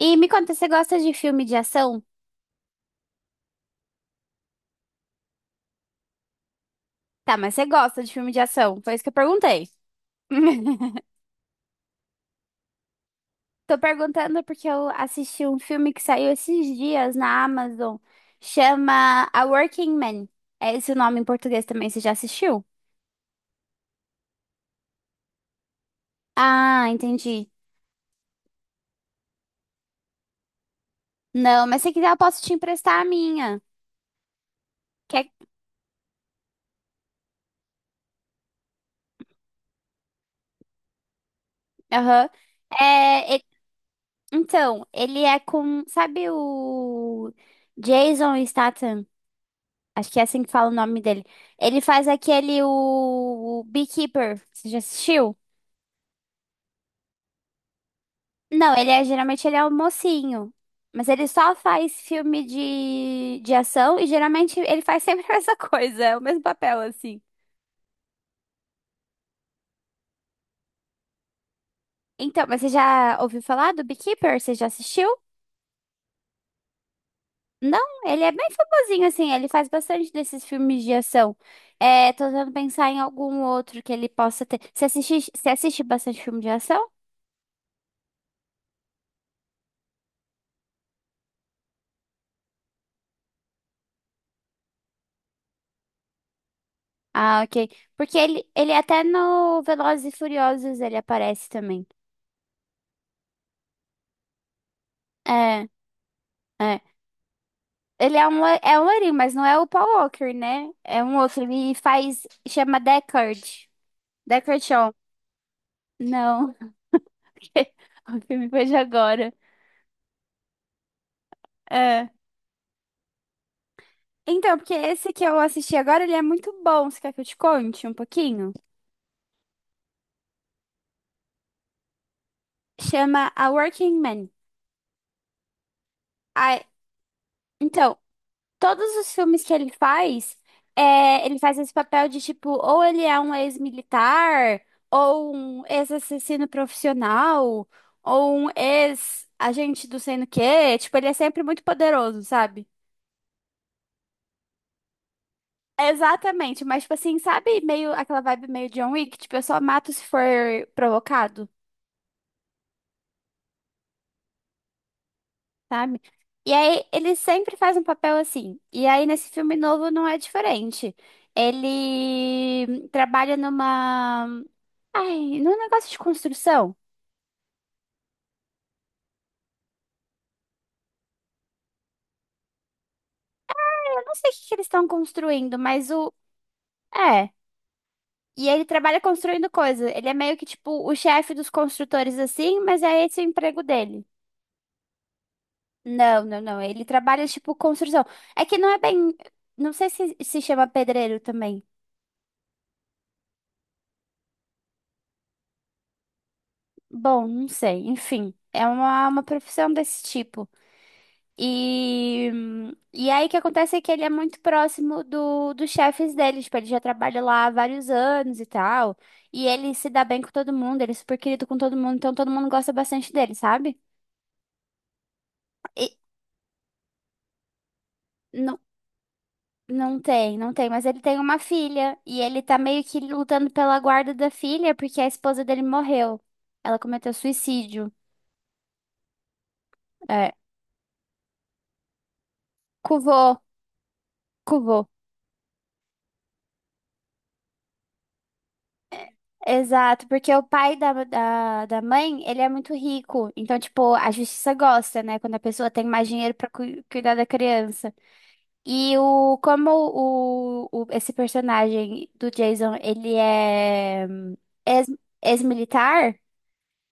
E me conta, você gosta de filme de ação? Tá, mas você gosta de filme de ação? Foi isso que eu perguntei. Tô perguntando porque eu assisti um filme que saiu esses dias na Amazon. Chama A Working Man. É esse o nome em português também, você já assistiu? Ah, entendi. Não, mas se quiser eu posso te emprestar a minha. Quer... Aham. É, e- Então, ele é com... Sabe o Jason Statham? Acho que é assim que fala o nome dele. Ele faz aquele o Beekeeper. Você já assistiu? Não, ele é geralmente ele é o mocinho. Mas ele só faz filme de ação, e geralmente ele faz sempre a mesma coisa, é o mesmo papel assim. Então, mas você já ouviu falar do Beekeeper? Você já assistiu? Não, ele é bem famosinho assim, ele faz bastante desses filmes de ação. É, tô tentando pensar em algum outro que ele possa ter. Você assiste bastante filme de ação? Ah, ok. Porque ele até no Velozes e Furiosos ele aparece também. É, é. Ele é um loirinho, mas não é o Paul Walker, né? É um outro. Ele faz. Chama Deckard. Deckard Shaw. Não. O filme foi de agora. É. Então, porque esse que eu assisti agora, ele é muito bom. Você quer que eu te conte um pouquinho? Chama A Working Man. Ah, então, todos os filmes que ele faz, ele faz esse papel de tipo, ou ele é um ex-militar, ou um ex-assassino profissional, ou um ex-agente do sei no quê. Tipo, ele é sempre muito poderoso, sabe? Exatamente, mas tipo assim, sabe, meio aquela vibe meio John Wick, tipo, eu só mato se for provocado, sabe? E aí ele sempre faz um papel assim. E aí nesse filme novo não é diferente. Ele trabalha numa... Ai, no negócio de construção, eu não sei o que que eles estão construindo, mas o. É. E ele trabalha construindo coisa. Ele é meio que tipo o chefe dos construtores, assim, mas é esse o emprego dele. Não, não, não. Ele trabalha tipo construção. É que não é bem. Não sei se se chama pedreiro também. Bom, não sei. Enfim, é uma profissão desse tipo. E, e aí o que acontece é que ele é muito próximo dos chefes dele, tipo, ele já trabalha lá há vários anos e tal. E ele se dá bem com todo mundo, ele é super querido com todo mundo, então todo mundo gosta bastante dele, sabe? E não, não tem, não tem, mas ele tem uma filha, e ele tá meio que lutando pela guarda da filha porque a esposa dele morreu. Ela cometeu suicídio. É, cuvô, cuvô. Exato, porque o pai da mãe, ele é muito rico. Então, tipo, a justiça gosta, né? Quando a pessoa tem mais dinheiro pra cuidar da criança. Como esse personagem do Jason, ele é ex, ex-militar,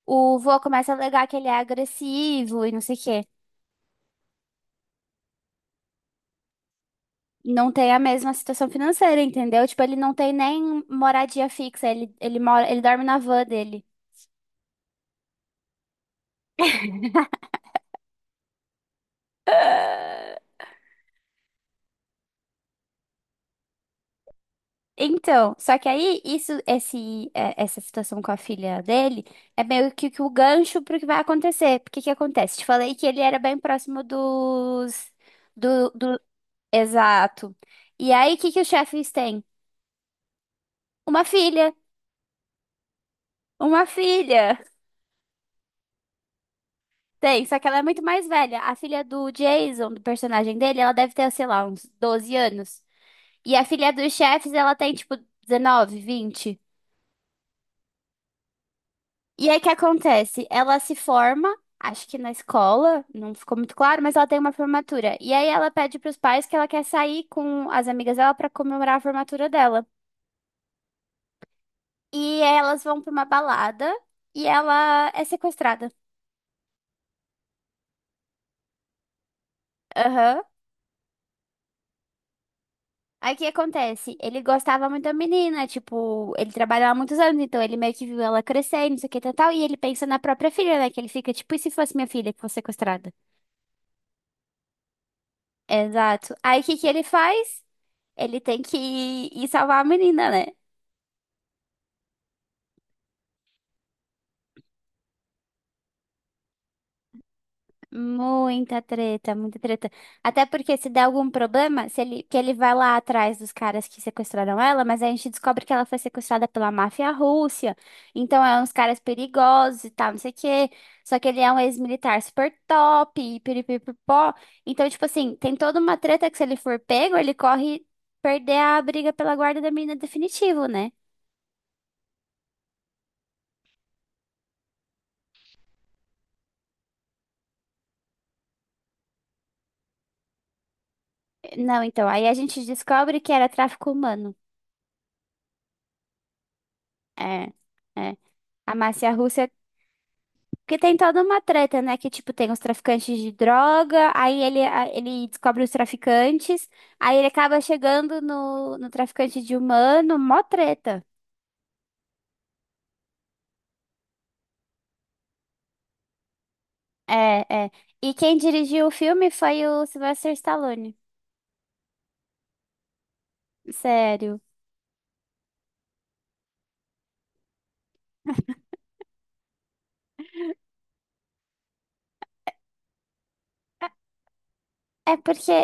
o vô começa a alegar que ele é agressivo e não sei o quê. Não tem a mesma situação financeira, entendeu? Tipo, ele não tem nem moradia fixa, ele mora, ele dorme na van dele. Então, só que aí essa situação com a filha dele é meio que o gancho pro que vai acontecer. Porque que acontece? Te falei que ele era bem próximo dos, do, do- exato. E aí, o que que os chefes têm? Uma filha, uma filha. Tem, só que ela é muito mais velha. A filha do Jason, do personagem dele, ela deve ter, sei lá, uns 12 anos. E a filha dos chefes, ela tem tipo 19, 20. E aí, o que acontece? Ela se forma, acho que na escola, não ficou muito claro, mas ela tem uma formatura. E aí, ela pede para os pais que ela quer sair com as amigas dela para comemorar a formatura dela. E elas vão para uma balada e ela é sequestrada. Aham. Aí, o que acontece? Ele gostava muito da menina, tipo, ele trabalhava há muitos anos, então ele meio que viu ela crescer e não sei o que tal, tal, e ele pensa na própria filha, né? Que ele fica tipo, e se fosse minha filha que fosse sequestrada? Exato. Aí, o que que ele faz? Ele tem que ir salvar a menina, né? Muita treta, muita treta. Até porque se der algum problema, se ele, que ele vai lá atrás dos caras que sequestraram ela, mas aí a gente descobre que ela foi sequestrada pela máfia russa. Então é uns caras perigosos e tal, não sei o quê. Só que ele é um ex-militar super top, e piripipopó. Então, tipo assim, tem toda uma treta que se ele for pego, ele corre perder a briga pela guarda da menina definitivo, né? Não, então, aí a gente descobre que era tráfico humano. É, é. A Márcia Rússia, porque tem toda uma treta, né? Que, tipo, tem os traficantes de droga, aí ele descobre os traficantes, aí ele acaba chegando no traficante de humano, mó treta. É, é. E quem dirigiu o filme foi o Sylvester Stallone. Sério. É porque.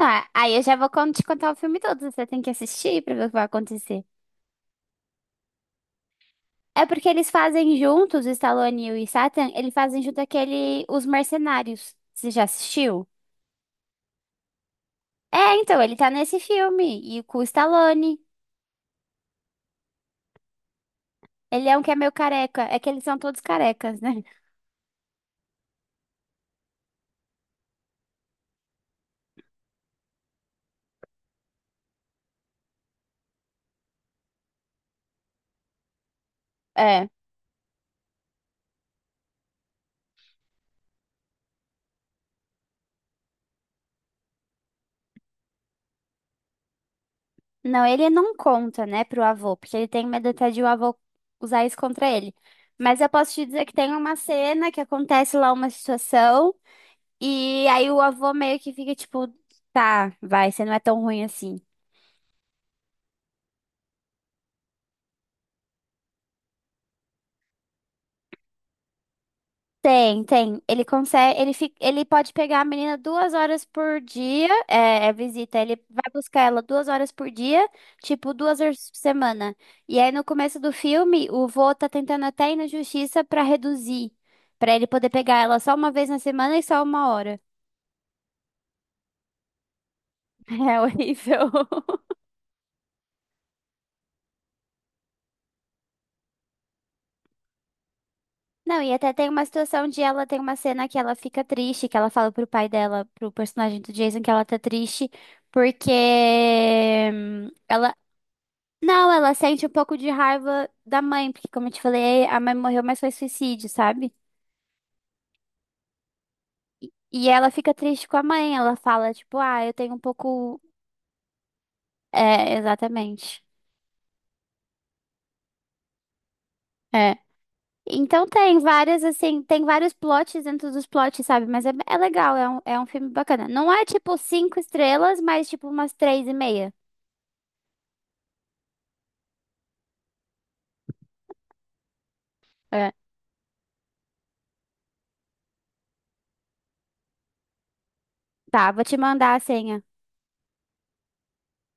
Ah, aí eu já vou te contar o filme todo, você tem que assistir pra ver o que vai acontecer. É porque eles fazem juntos, Stallone e o Statham, eles fazem junto aquele Os Mercenários. Você já assistiu? É, então, ele tá nesse filme. E com o Stallone. Ele é um que é meio careca. É que eles são todos carecas, né? É. Não, ele não conta, né, pro avô, porque ele tem medo até de o avô usar isso contra ele. Mas eu posso te dizer que tem uma cena que acontece lá uma situação, e aí o avô meio que fica tipo, tá, vai, você não é tão ruim assim. Tem, tem. Ele consegue, ele fica, ele pode pegar a menina 2 horas por dia, é visita. Ele vai buscar ela 2 horas por dia, tipo 2 horas por semana. E aí no começo do filme, o vô tá tentando até ir na justiça pra reduzir, pra ele poder pegar ela só uma vez na semana e só 1 hora. É horrível. Não, e até tem uma situação de ela tem uma cena que ela fica triste, que ela fala pro pai dela, pro personagem do Jason, que ela tá triste porque ela... Não, ela sente um pouco de raiva da mãe, porque como eu te falei, a mãe morreu, mas foi suicídio, sabe? E ela fica triste com a mãe, ela fala, tipo, ah, eu tenho um pouco. É, exatamente. É. Então tem várias, assim, tem vários plots dentro dos plots, sabe? Mas é legal, é um filme bacana. Não é tipo cinco estrelas, mas tipo umas três e meia. É. Tá, vou te mandar a senha.